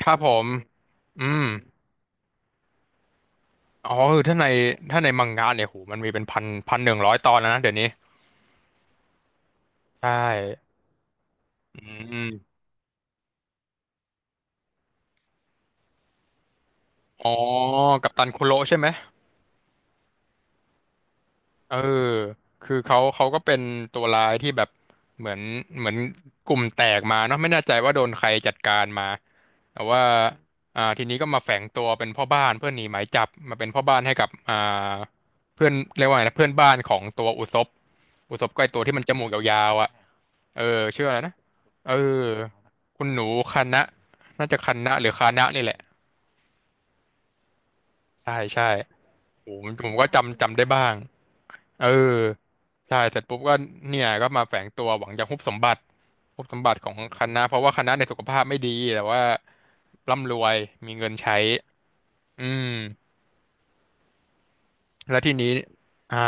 ครับผม อืม อ๋อคือถ้าในมังงะเนี่ยโหมันมีเป็นพัน100 ตอนแล้วนะ เดี๋ยวนี้ ใช่อืมอ๋อ กัปตันคุโระใช่ไหม เออคือเขาก็เป็นตัวร้ายที่แบบเหมือนเหมือนกลุ่มแตกมาเนาะไม่แน่ใจว่าโดนใครจัดการมาแต่ว่าอ่าทีนี้ก็มาแฝงตัวเป็นพ่อบ้านเพื่อหนีหมายจับมาเป็นพ่อบ้านให้กับอ่าเพื่อนเรียกว่าไงนะเพื่อนบ้านของตัวอุศบอุศบก็ไอตัวที่มันจมูกยาวๆอ่ะเออชื่ออะไรนะเออคุณหนูคานะน่าจะคันนะหรือคานะนี่แหละ ใช่ใช่โอ้โหผมก็จำได้บ้าง เออ ใช่เสร็จปุ๊บก็เนี่ยก็มาแฝงตัวหวังจะฮุบสมบัติของคณะเพราะว่าคณะในยสุขภาพไม่ดีแต่ว่าร่ำรวยมีเงินใช้อืมแล้วทีนี้อ่า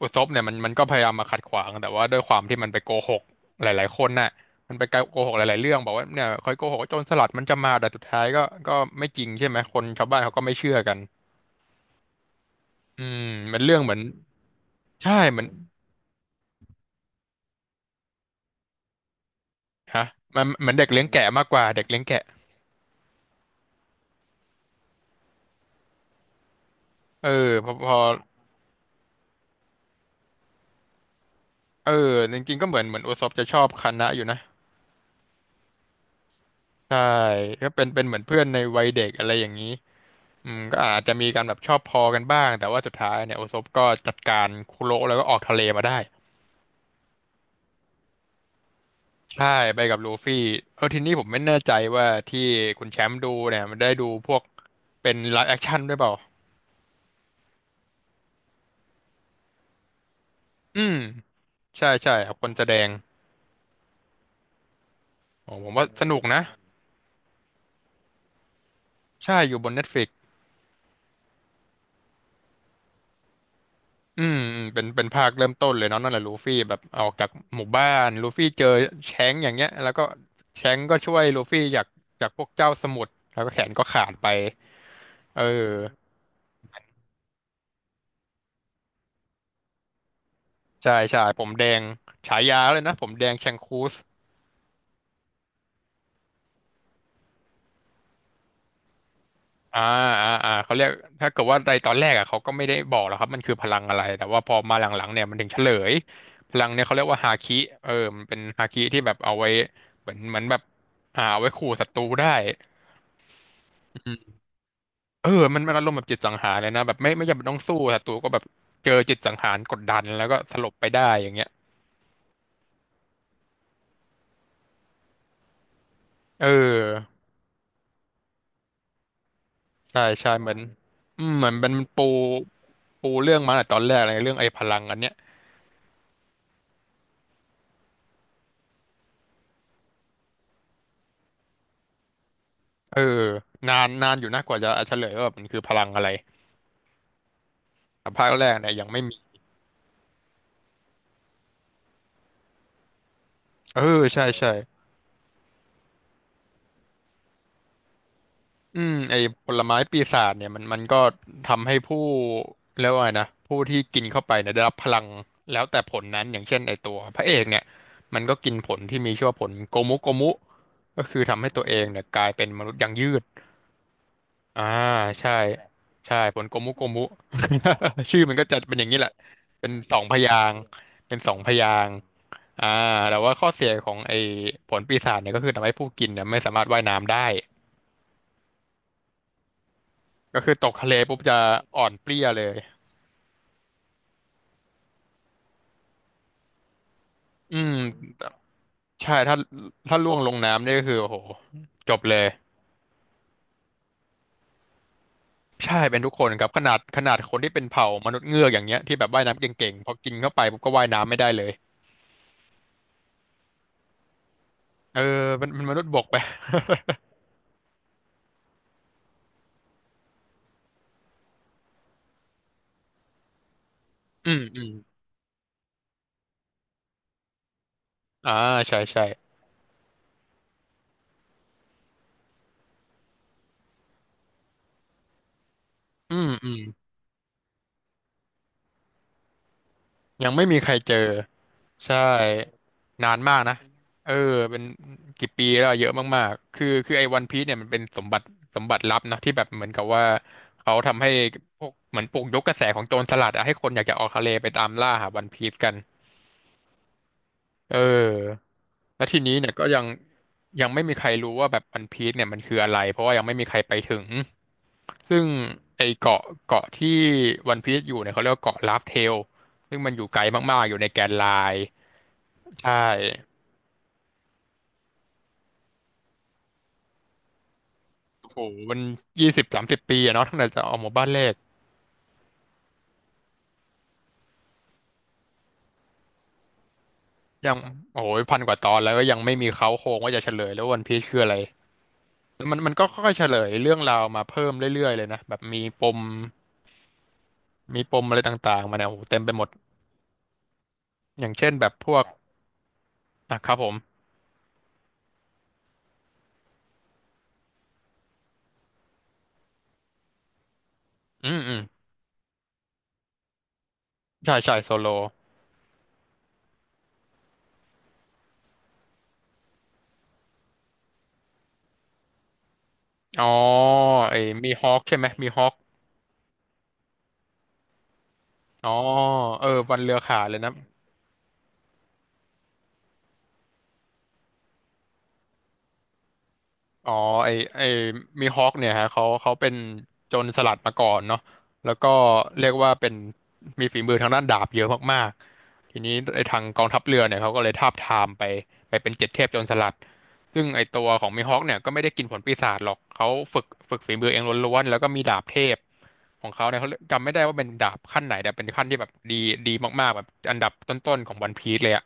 อุศบเนี่ยมันก็พยายามมาขัดขวางแต่ว่าด้วยความที่มันไปโกหกหลายๆคนน่ะมันไปโกหกหลายๆเรื่องบอกว่าเนี่ยคอยโกหกว่าโจรสลัดมันจะมาแต่สุดท้ายก็ก็ไม่จริงใช่ไหมคนชาวบ้านเขาก็ไม่เชื่อกันอืมมันเรื่องเหมือน ใช่เหมือนฮะมันเหมือนเด็กเลี้ยงแกะมากกว่าเด็กเลี้ยงแกะเออพอเออจริงๆก็เหมือนโอซอบจะชอบคานะอยู่นะใช่ก็เป็นเหมือนเพื่อนในวัยเด็กอะไรอย่างนี้อืมก็อาจจะมีการแบบชอบพอกันบ้างแต่ว่าสุดท้ายเนี่ยโอซบก็จัดการคุโระแล้วก็ออกทะเลมาได้ใช่ไปกับลูฟี่เออทีนี้ผมไม่แน่ใจว่าที่คุณแชมป์ดูเนี่ยมันได้ดูพวกเป็นไลฟ์แอคชั่นด้วยเปล่าอืมใช่ใช่ครับคนแสดงโอ้ผมว่าสนุกนะใช่อยู่บน Netflix อืมอืมเป็นภาคเริ่มต้นเลยเนาะนั่นแหละลูฟี่แบบออกจากหมู่บ้านลูฟี่เจอแชงก์อย่างเงี้ยแล้วก็แชงก์ก็ช่วยลูฟี่จากพวกเจ้าสมุทรแล้วก็แขนก็ขาดไปเออใช่ใช่ผมแดงฉายาเลยนะผมแดงแชงคูสอ่าอ่าอ่าเขาเรียกถ้าเกิดว่าในตอนแรกอ่ะเขาก็ไม่ได้บอกหรอกครับมันคือพลังอะไรแต่ว่าพอมาหลังๆเนี่ยมันถึงเฉลยพลังเนี่ยเขาเรียกว่าฮาคิเออมันเป็นฮาคิที่แบบเอาไว้เหมือนแบบอ่าเอาไว้ขู่ศัตรูได้ เออมันมันอารมณ์แบบจิตสังหารเลยนะแบบไม่จำเป็นต้องสู้ศัตรูก็แบบเจอจิตสังหารกดดันแล้วก็สลบไปได้อย่างเงี้ยเออใช่ใช่เหมือนอืมเหมือนเป็นปูปูเรื่องมาตั้งแต่ตอนแรกเลยเรื่องไอ้พลังอันเนี้ยเออนานนานอยู่นะกว่าจะเฉลยว่าแบบมันคือพลังอะไรแต่ภาคแรกเนี่ยยังไม่มีเออใช่ใช่ อืมไอ้ผลไม้ปีศาจเนี่ยมันก็ทำให้ผู้เรียกว่าไงนะผู้ที่กินเข้าไปเนี่ยได้รับพลังแล้วแต่ผลนั้นอย่างเช่นไอ้ตัวพระเอกเนี่ยมันก็กินผลที่มีชื่อว่าผลโกมุโกมุก็คือทำให้ตัวเองเนี่ยกลายเป็นมนุษย์ยางยืดอ่าใช่ใช่ผลโกมุโกมุ ชื่อมันก็จะเป็นอย่างนี้แหละเป็นสองพยางค์เป็นสองพยางค์อ่าแต่ว่าข้อเสียของไอ้ผลปีศาจเนี่ยก็คือทำให้ผู้กินเนี่ยไม่สามารถว่ายน้ำได้ ก็คือตกทะเลปุ๊บจะอ่อนเปลี้ยเลย อืม ใช่ ถ้าล่วงลงน้ำนี่ก็คือโอ้โหจบเลย ใช่เป็นทุกคนครับขนาดคนที่เป็นเผ่ามนุษย์เงือกอย่างเงี้ยที่แบบว่ายน้ำเก่งๆ พอกินเข้าไปปุ๊บก็ว่ายน้ำไม่ได้เลย เออเป็นมนุษย์บกไป อืมอืมอ่าใช่ใช่อืมอืม ยังไม่มีใครเจอ ใช่ นานมากนะเออเป็นกี่ปีแล้วอะเยอะมากๆคือไอ้วันพีซเนี่ยมันเป็นสมบัติลับนะที่แบบเหมือนกับว่าเขาทำให้พวกเหมือนปลุกยกกระแสของโจรสลัดอะให้คนอยากจะออกทะเลไปตามล่าหาวันพีซกันเออแล้วทีนี้เนี่ยก็ยังไม่มีใครรู้ว่าแบบวันพีซเนี่ยมันคืออะไรเพราะว่ายังไม่มีใครไปถึงซึ่งไอ้เกาะที่วันพีซอยู่เนี่ยเขาเรียกว่าเกาะลาฟเทลซึ่งมันอยู่ไกลมากๆอยู่ในแกนไลน์ ใช่โอ้โหมัน20-30 ปีอะเนาะตั้งแต่จะออกหมู่บ้านแรกยัง โอ้ยพันกว่าตอนแล้วก็ยังไม่มีเค้าโครงว่าจะเฉลยแล้ววันพีชคืออะไรมันก็ค่อยๆเฉลยเรื่องราวมาเพิ่มเรื่อยๆเลยนะ แบบมีปมมีปมอะไรต่างๆมาเนี่ยโอ้โหเต็มไปหมด อย่างเช่นแบบพวกอ่ะครับผม อืมอืมใช่ใช่โซโลอ๋อไอ้มีฮอคใช่ไหมมีฮอคอ๋อ เออวันเรือขาดเลยนะ อ๋อไอไอมีฮอคเนี่ยฮะเขาเป็นโจรสลัดมาก่อนเนาะแล้วก็เรียกว่าเป็นมีฝีมือทางด้านดาบเยอะมากๆทีนี้ไอทางกองทัพเรือเนี่ยเขาก็เลยทาบทามไปเป็นเจ็ดเทพโจรสลัดซึ่งไอตัวของมีฮอคเนี่ยก็ไม่ได้กินผลปีศาจหรอกเขาฝึกฝีมือเองล้วนๆแล้วก็มีดาบเทพของเขาเนี่ยเขาจำไม่ได้ว่าเป็นดาบขั้นไหนแต่เป็นขั้นที่แบบดีมากๆแบบอันดับต้นๆของวันพีซเลยอะ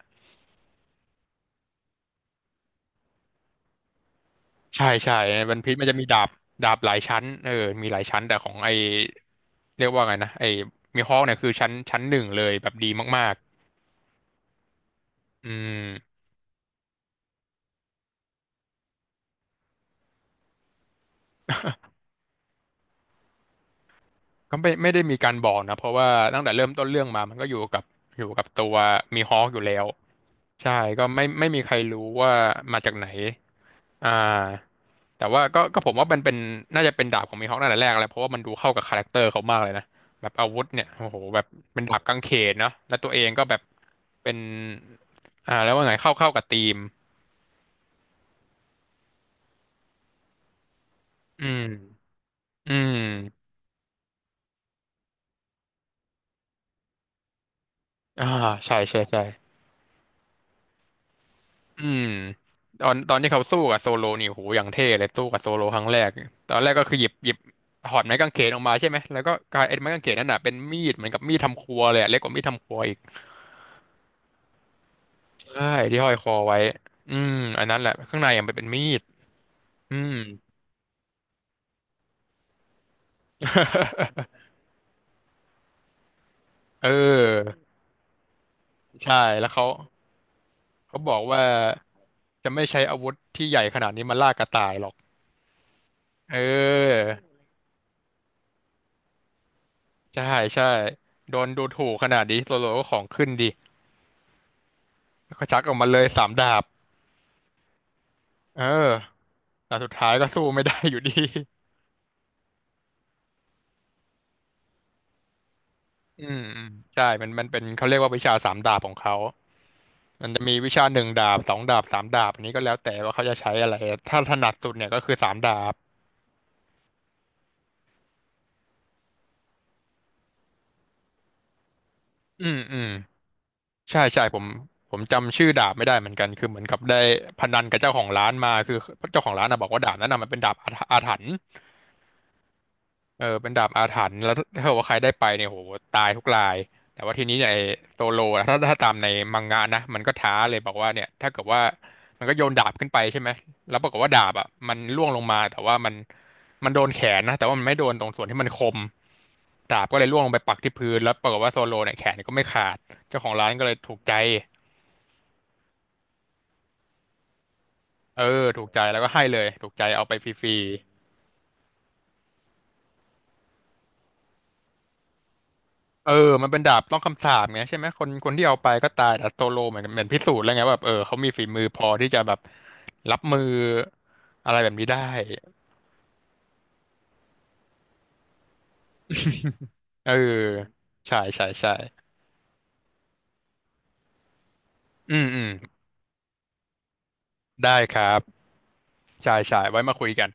ใช่ใช่วันพีซมันจะมีดาบหลายชั้นเออมีหลายชั้นแต่ของไอเรียกว่าไงนะไอมีฮอคเนี่ยคือชั้นหนึ่งเลยแบบดีมากๆอืมก็ไม่ได้มีการบอกนะเพราะว่าตั้งแต่เริ่มต้นเรื่องมามันก็อยู่กับอยู่กับตัวมีฮอคอยู่แล้วใช่ก็ไม่มีใครรู้ว่ามาจากไหน อ่าแต่ว่าก็ผมว่ามันเป็นน่าจะเป็นดาบของมีฮอคตั้งแต่แรกแล้วเพราะว่ามันดูเข้ากับคาแรคเตอร์เขามากเลยนะแบบอาวุธเนี่ยโอ้โหแบบเป็นดาบกางเขนเนาะแล้วตัวเองก็แบบเป็นอ่าแล้วว่าไงเข้ากับธีมอืมอืมอ่าใช่ใช่ใช่อืมตอนที่เขาสู้กับโซโลนี่โอ้โหอย่างเท่เลยสู้กับโซโลครั้งแรกตอนแรกก็คือหยิบถอดไม้กางเขนออกมาใช่ไหมแล้วก็กลายไอ้ไม้กางเขนนั่นน่ะเป็นมีดเหมือนกับมีดทำครัวเลยอะเล็กกว่ามีดทำครัวอีก ใช่ที่ห้อยคอไว้อืมอันนั้นแหละข้างในอ่ะมันเป็นมีด อืม เออใช่แล้วเขาบอกว่าจะไม่ใช้อาวุธที่ใหญ่ขนาดนี้มาล่ากระต่ายหรอกเออใช่ใช่โดนดูถูกขนาดนี้โซโลก็ของขึ้นดิแล้วก็ชักออกมาเลยสามดาบเออแต่สุดท้ายก็สู้ไม่ได้อยู่ดี อืมอืมใช่มันเป็นเขาเรียกว่าวิชาสามดาบของเขา มันจะมีวิชาหนึ่งดาบสองดาบสามดาบอันนี้ก็แล้วแต่ว่าเขาจะใช้อะไรถ้าถนัดสุดเนี่ยก็คือสามดาบอืมอืมใช่ใช่ผมจำชื่อดาบไม่ได้เหมือนกันคือเหมือนกับได้พนันกับเจ้าของร้านมาคือเจ้าของร้านนะบอกว่าดาบนั้นนะมันเป็นดาบอาถรรพ์ เออเป็นดาบอาถรรพ์แล้วถ้าเกิดว่าใครได้ไปเนี่ยโหตายทุกรายแต่ว่าทีนี้เนี่ยไอ้โซโลนะถ้าตามในมังงะนะมันก็ท้าเลยบอกว่าเนี่ยถ้าเกิดว่ามันก็โยนดาบขึ้นไปใช่ไหมแล้วปรากฏว่าดาบอ่ะมันล่วงลงมาแต่ว่ามันโดนแขนนะแต่ว่ามันไม่โดนตรงส่วนที่มันคมดาบก็เลยล่วงลงไปปักที่พื้นแล้วปรากฏว่าโซโลเนี่ยแขนก็ไม่ขาดเจ้าของร้านก็เลยถูกใจเออถูกใจแล้วก็ให้เลยถูกใจเอาไปฟรีๆ เออมันเป็นดาบต้องคำสาปไงใช่ไหมคนที่เอาไปก็ตายแต่โซโลเหมือนพิสูจน์แล้วไงว่าแบบเออเขามีฝีมือพอที่จะแบบรับมืออะไรแบบนี้ได้ เออใช่ใช่ใช่อืมอืมได้ครับใช่ใช่ไว้มาคุยกัน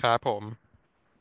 ครับผม